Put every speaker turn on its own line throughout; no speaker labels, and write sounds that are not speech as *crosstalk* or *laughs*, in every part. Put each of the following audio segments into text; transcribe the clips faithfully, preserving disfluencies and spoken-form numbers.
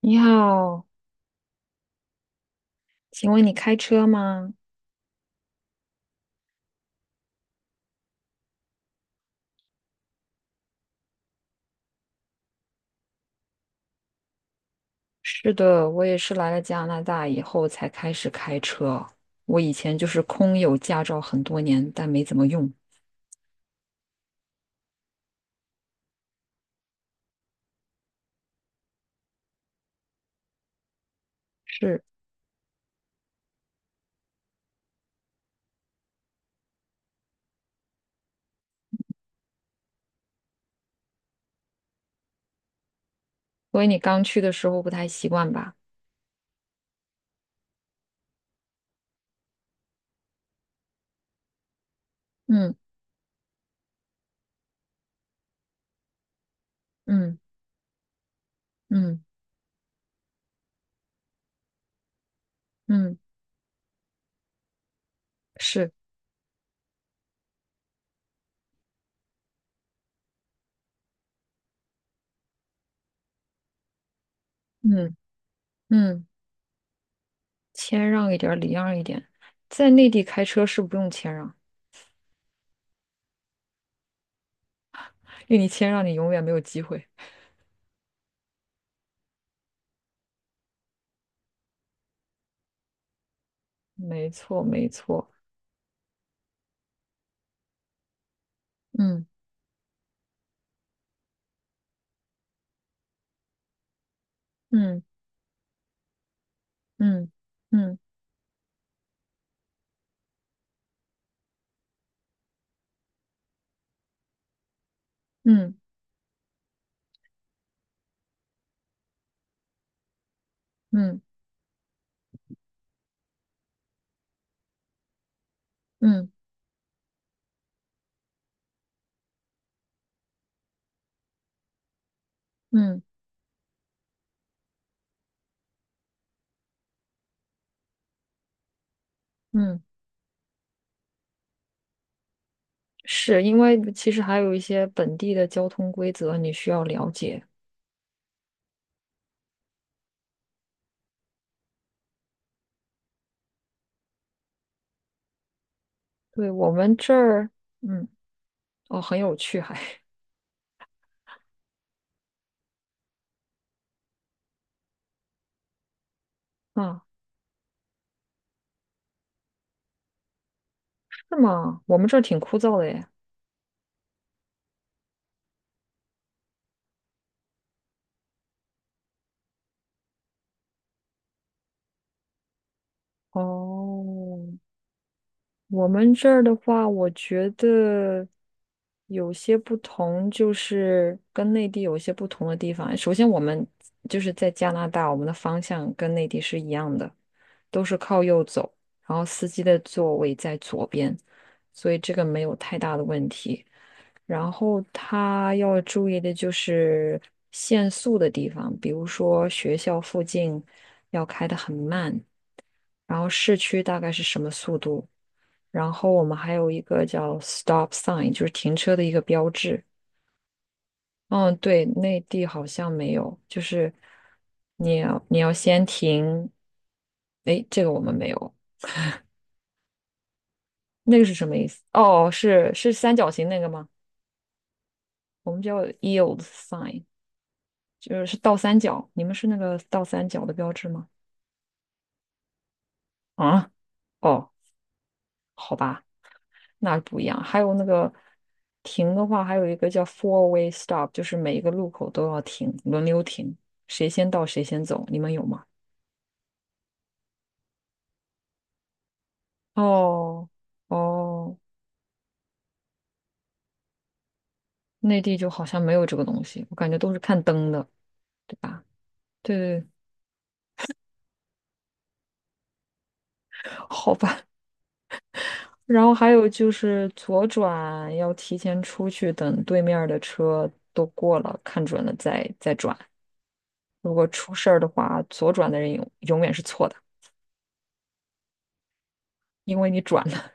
你好，请问你开车吗？是的，我也是来了加拿大以后才开始开车。我以前就是空有驾照很多年，但没怎么用。是，所以你刚去的时候不太习惯吧？嗯嗯嗯嗯，是，嗯嗯，谦让一点儿，礼让一点。在内地开车是不用谦让，因为你谦让，你永远没有机会。没错，没错。嗯嗯嗯嗯嗯嗯嗯嗯嗯嗯。是因为其实还有一些本地的交通规则你需要了解。对，我们这儿，嗯，哦，很有趣还，*laughs* 啊，是吗？我们这儿挺枯燥的耶。哦，我们这儿的话，我觉得有些不同，就是跟内地有些不同的地方。首先，我们就是在加拿大，我们的方向跟内地是一样的，都是靠右走，然后司机的座位在左边，所以这个没有太大的问题。然后他要注意的就是限速的地方，比如说学校附近要开得很慢，然后市区大概是什么速度？然后我们还有一个叫 stop sign，就是停车的一个标志。嗯，对，内地好像没有，就是你要你要先停。诶，这个我们没有，那个是什么意思？哦，是是三角形那个吗？我们叫 yield sign，就是是倒三角。你们是那个倒三角的标志吗？啊，哦，好吧，那不一样。还有那个停的话，还有一个叫 four way stop，就是每一个路口都要停，轮流停，谁先到谁先走。你们有吗？哦哦，内地就好像没有这个东西，我感觉都是看灯的。对对，好吧。*laughs* 然后还有就是左转要提前出去，等对面儿的车都过了，看准了再再转。如果出事儿的话，左转的人永永远是错的，因为你转了。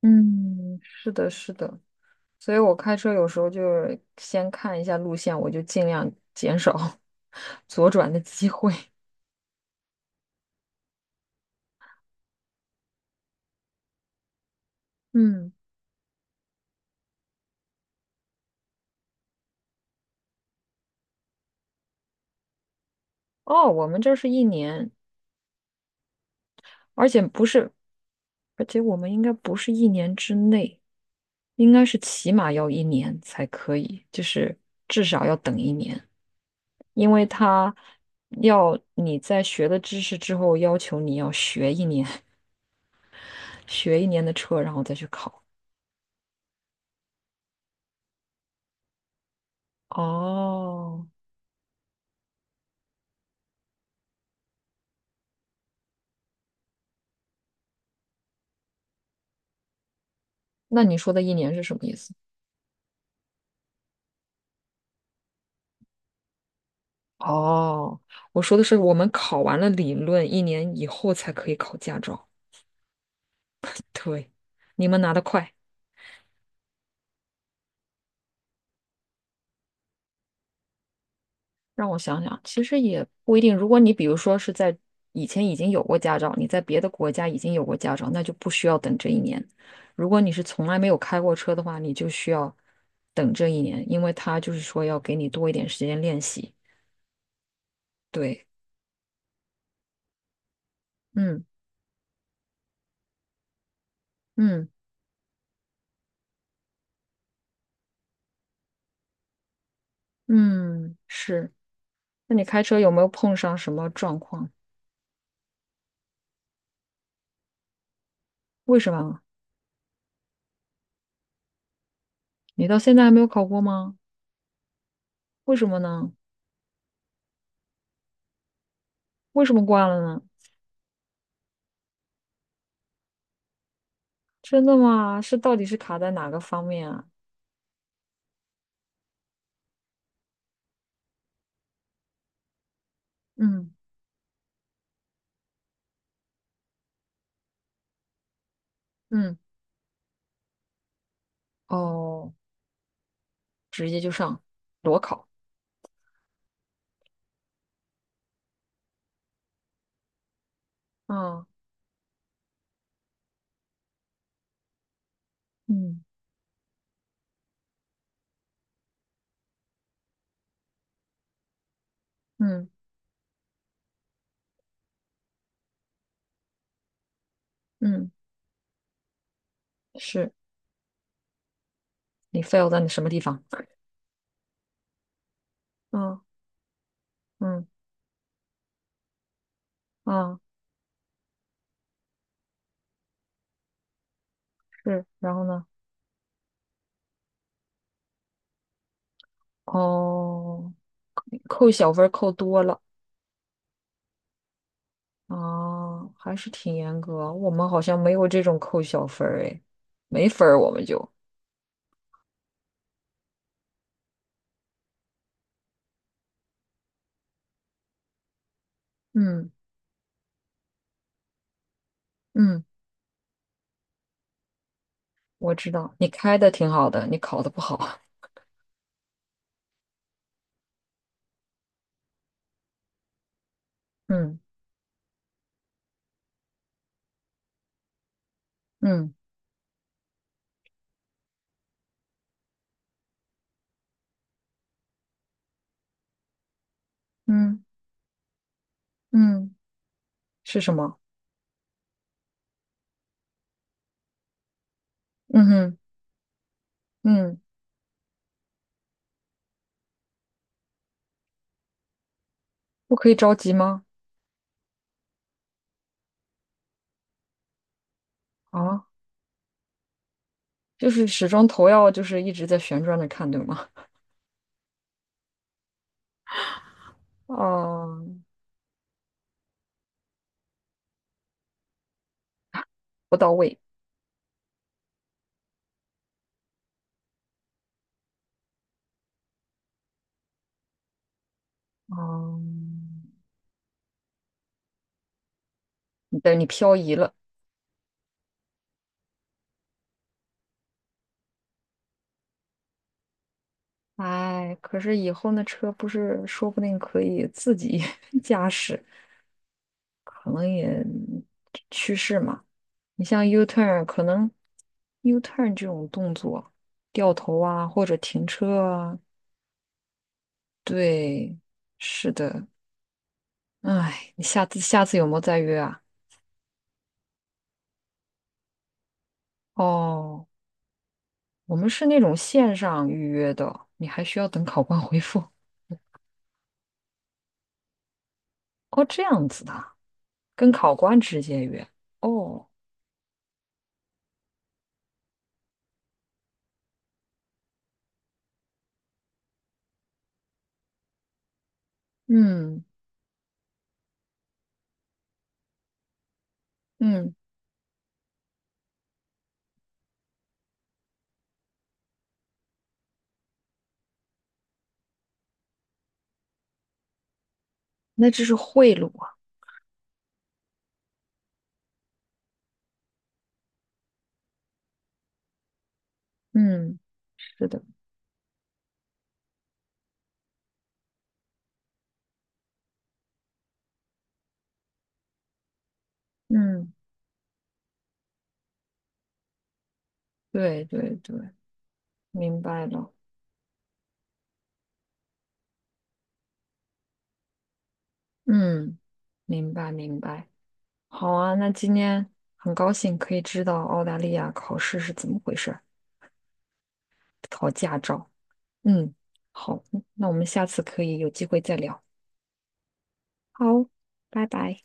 嗯，是的，是的，所以我开车有时候就是先看一下路线，我就尽量减少 *laughs* 左转的机会。嗯，哦，我们这是一年，而且不是，而且我们应该不是一年之内，应该是起码要一年才可以，就是至少要等一年，因为他要你在学了知识之后，要求你要学一年，*laughs* 学一年的车，然后再去考。哦，那你说的一年是什么意思？哦，我说的是我们考完了理论，一年以后才可以考驾照。对，你们拿得快。让我想想，其实也不一定。如果你比如说是在以前已经有过驾照，你在别的国家已经有过驾照，那就不需要等这一年。如果你是从来没有开过车的话，你就需要等这一年，因为他就是说要给你多一点时间练习。对，嗯嗯嗯，是。那你开车有没有碰上什么状况？为什么啊？你到现在还没有考过吗？为什么呢？为什么挂了呢？真的吗？是到底是卡在哪个方面啊？嗯嗯，哦，直接就上裸考。啊，嗯嗯嗯，是你 fail 在你什么地方？啊嗯啊，是，然后呢？哦，扣小分儿扣多了啊，还是挺严格。我们好像没有这种扣小分儿，哎，没分儿我们就嗯嗯。我知道你开的挺好的，你考的不好。嗯嗯嗯嗯，是什么？嗯哼嗯，不可以着急吗？啊，就是始终头要就是一直在旋转着看，对吗？哦、不到位。哦、你等你漂移了。哎，可是以后那车不是说不定可以自己 *laughs* 驾驶，可能也趋势嘛。你像 U turn，可能 U turn 这种动作，掉头啊，或者停车啊，对，是的。哎，你下次下次有没有再约啊？哦，我们是那种线上预约的，你还需要等考官 *laughs* 回复。哦，这样子的啊跟考官直接约。哦，嗯嗯，那这是贿赂啊。嗯，是的，嗯，对对对，明白了。嗯，明白明白。好啊，那今天很高兴可以知道澳大利亚考试是怎么回事儿，考驾照。嗯，好，那我们下次可以有机会再聊。好，拜拜。